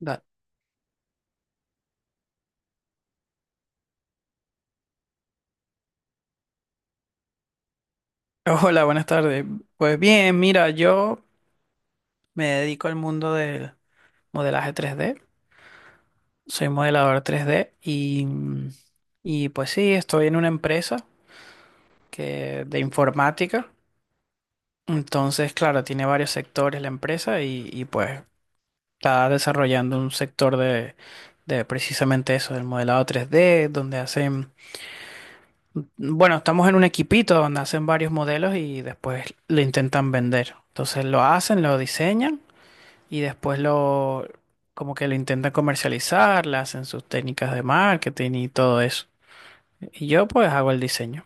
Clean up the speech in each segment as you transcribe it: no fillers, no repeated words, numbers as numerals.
Da- Hola, buenas tardes. Pues bien, mira, yo me dedico al mundo del modelaje 3D. Soy modelador 3D y pues sí, estoy en una empresa que, de informática. Entonces, claro, tiene varios sectores la empresa pues está desarrollando un sector de precisamente eso, del modelado 3D donde hacen, bueno, estamos en un equipito donde hacen varios modelos y después lo intentan vender. Entonces lo hacen, lo diseñan. Y después como que lo intentan comercializar, le hacen sus técnicas de marketing y todo eso. Y yo pues hago el diseño.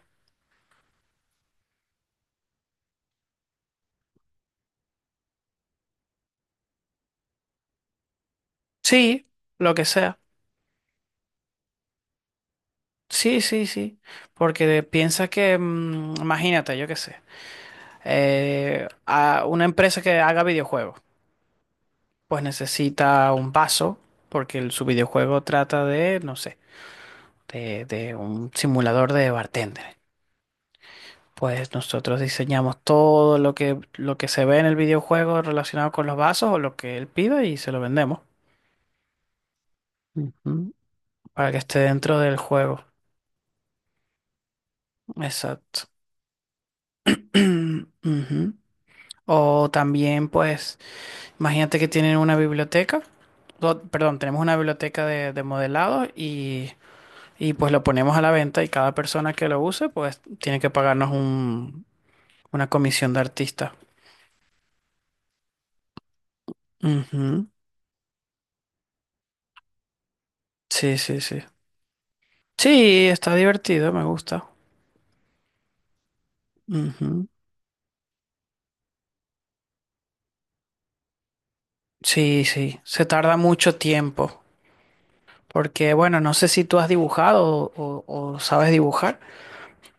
Sí, lo que sea. Sí, sí, sí. Porque piensa que, imagínate, yo qué sé, a una empresa que haga videojuegos, pues necesita un vaso, porque su videojuego trata de, no sé, de un simulador de bartender. Pues nosotros diseñamos todo lo que se ve en el videojuego relacionado con los vasos o lo que él pida y se lo vendemos. Ujú. Para que esté dentro del juego. Exacto. Ujú. O también, pues, imagínate que tienen una biblioteca. O, perdón, tenemos una biblioteca de modelado y pues lo ponemos a la venta y cada persona que lo use pues tiene que pagarnos una comisión de artista. Ujú. Sí, sí, sí. Sí, está divertido, me gusta. Ujú. Sí, sí, se tarda mucho tiempo. Porque, bueno, no sé si tú has dibujado o sabes dibujar,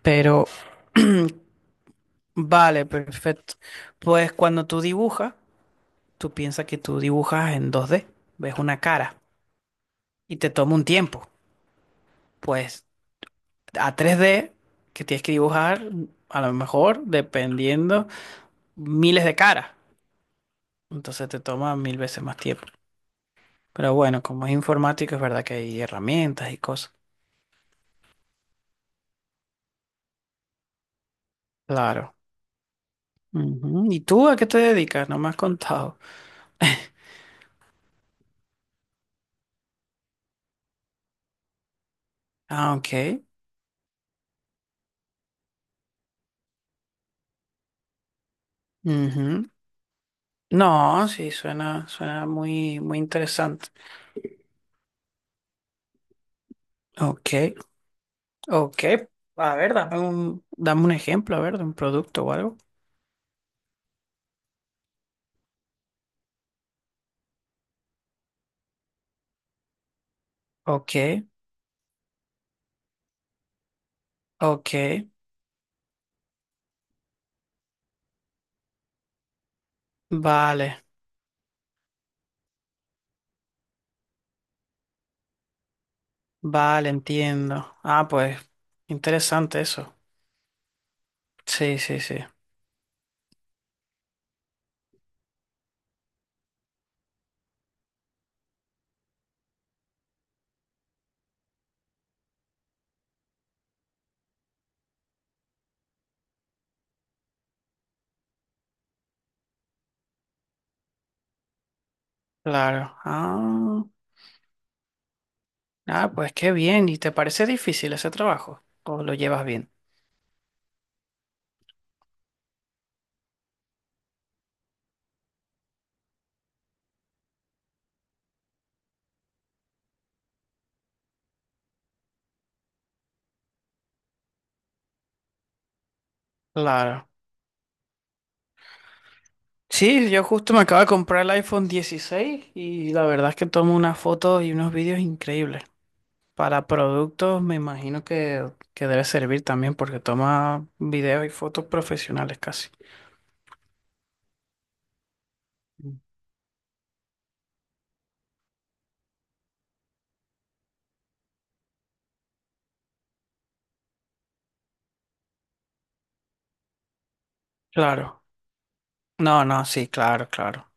pero vale, perfecto. Pues cuando tú dibujas, tú piensas que tú dibujas en 2D, ves una cara y te toma un tiempo. Pues a 3D, que tienes que dibujar, a lo mejor, dependiendo, miles de caras. Entonces te toma mil veces más tiempo. Pero bueno, como es informática, es verdad que hay herramientas y cosas. Claro. Ujú. ¿Y tú a qué te dedicas? No me has contado. Ah, ok. Ujú. No, sí, suena, suena muy, muy interesante. Ok, ok. A ver, dame un ejemplo, a ver, de un producto o algo. Ok, ok. Vale, vale, entiendo. Ah, pues, interesante eso. Sí, sí, sí. Claro. Ah. Ah, pues qué bien. ¿Y te parece difícil ese trabajo? ¿O lo llevas bien? Claro. Sí, yo justo me acabo de comprar el iPhone 16 y la verdad es que tomo unas fotos y unos vídeos increíbles. Para productos me imagino que debe servir también porque toma videos y fotos profesionales casi. Mm. Claro. No, no, sí, claro, claro.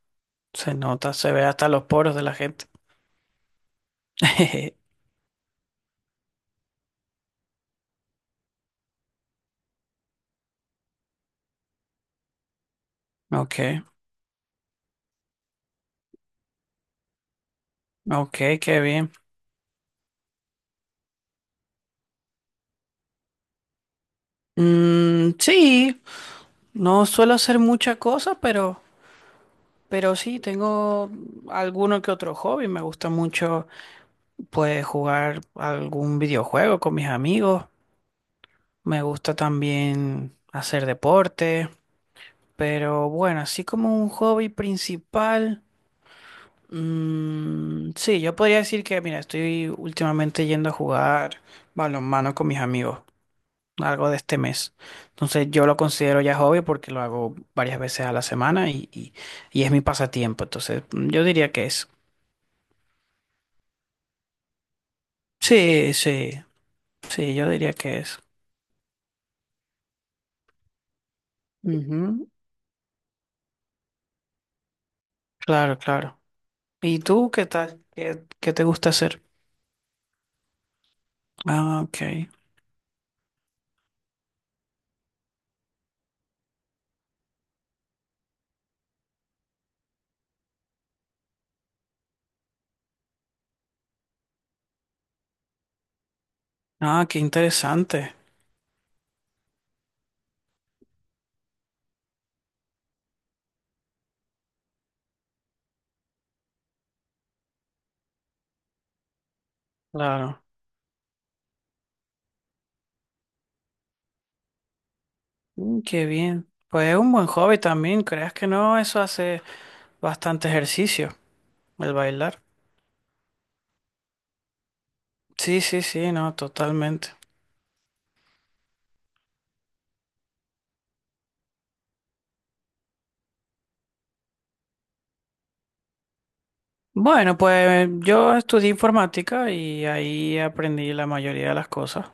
Se nota, se ve hasta los poros de la gente. Ok, ok, qué bien. Mm, sí, no suelo hacer muchas cosas, pero sí, tengo alguno que otro hobby. Me gusta mucho, pues, jugar algún videojuego con mis amigos. Me gusta también hacer deporte, pero bueno, así como un hobby principal, mm, sí, yo podría decir que, mira, estoy últimamente yendo a jugar balonmano con mis amigos. Algo de este mes. Entonces yo lo considero ya hobby porque lo hago varias veces a la semana y es mi pasatiempo. Entonces yo diría que es. Sí, sí, sí, yo diría que es. Ujú. Claro, claro. ¿Y tú qué tal? ¿Qué te gusta hacer? Ah, ok. Ah, qué interesante. Claro. Qué bien. Pues es un buen hobby también, creas que no, eso hace bastante ejercicio, el bailar. Sí, sí, sí, no, totalmente. Bueno, pues yo estudié informática y ahí aprendí la mayoría de las cosas.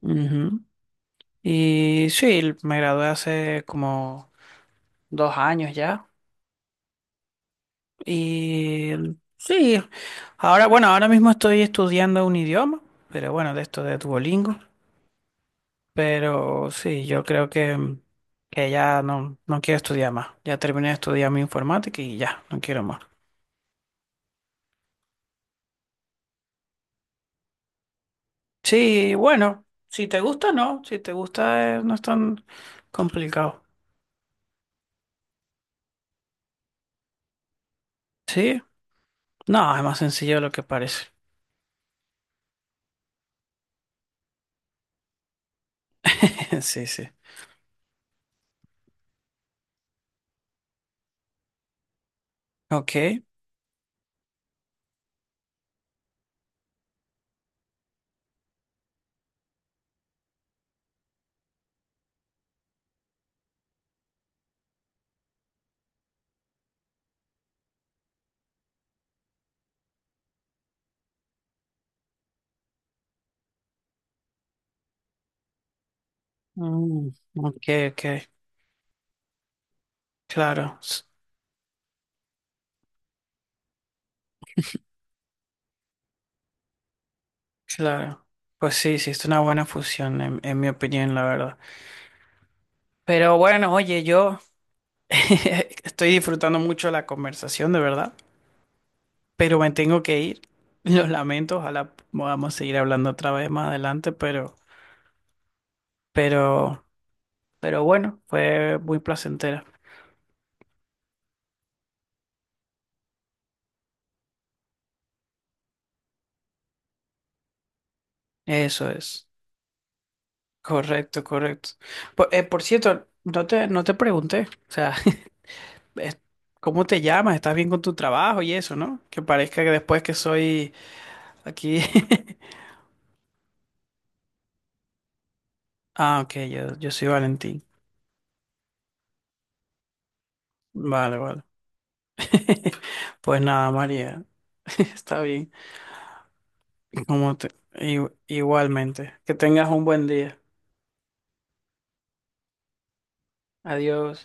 Ujú. Y sí, me gradué hace como 2 años ya. Y sí, ahora, bueno, ahora mismo estoy estudiando un idioma, pero bueno, de esto de Duolingo. Pero sí, yo creo que ya no, no quiero estudiar más. Ya terminé de estudiar mi informática y ya, no quiero más. Sí, bueno, si te gusta, no. Si te gusta, no es tan complicado. Sí, no, es más sencillo de lo que parece. Sí, sí. Ok. Mm, ok, ok. Claro, claro. Pues sí, sí, es una buena fusión, en mi opinión, la verdad. Pero bueno, oye, yo estoy disfrutando mucho la conversación, de verdad, pero me tengo que ir. Lo lamento, ojalá podamos seguir hablando otra vez más adelante, pero, pero bueno, fue muy placentera. Eso es. Correcto, correcto. Por cierto, no te pregunté, o sea, es- ¿cómo te llamas? ¿Estás bien con tu trabajo y eso, no? Que parezca que después que soy aquí. Ah, ok, yo soy Valentín. Vale, vale. Pues nada, María, está bien. Como te- i- Igualmente, que tengas un buen día. Adiós.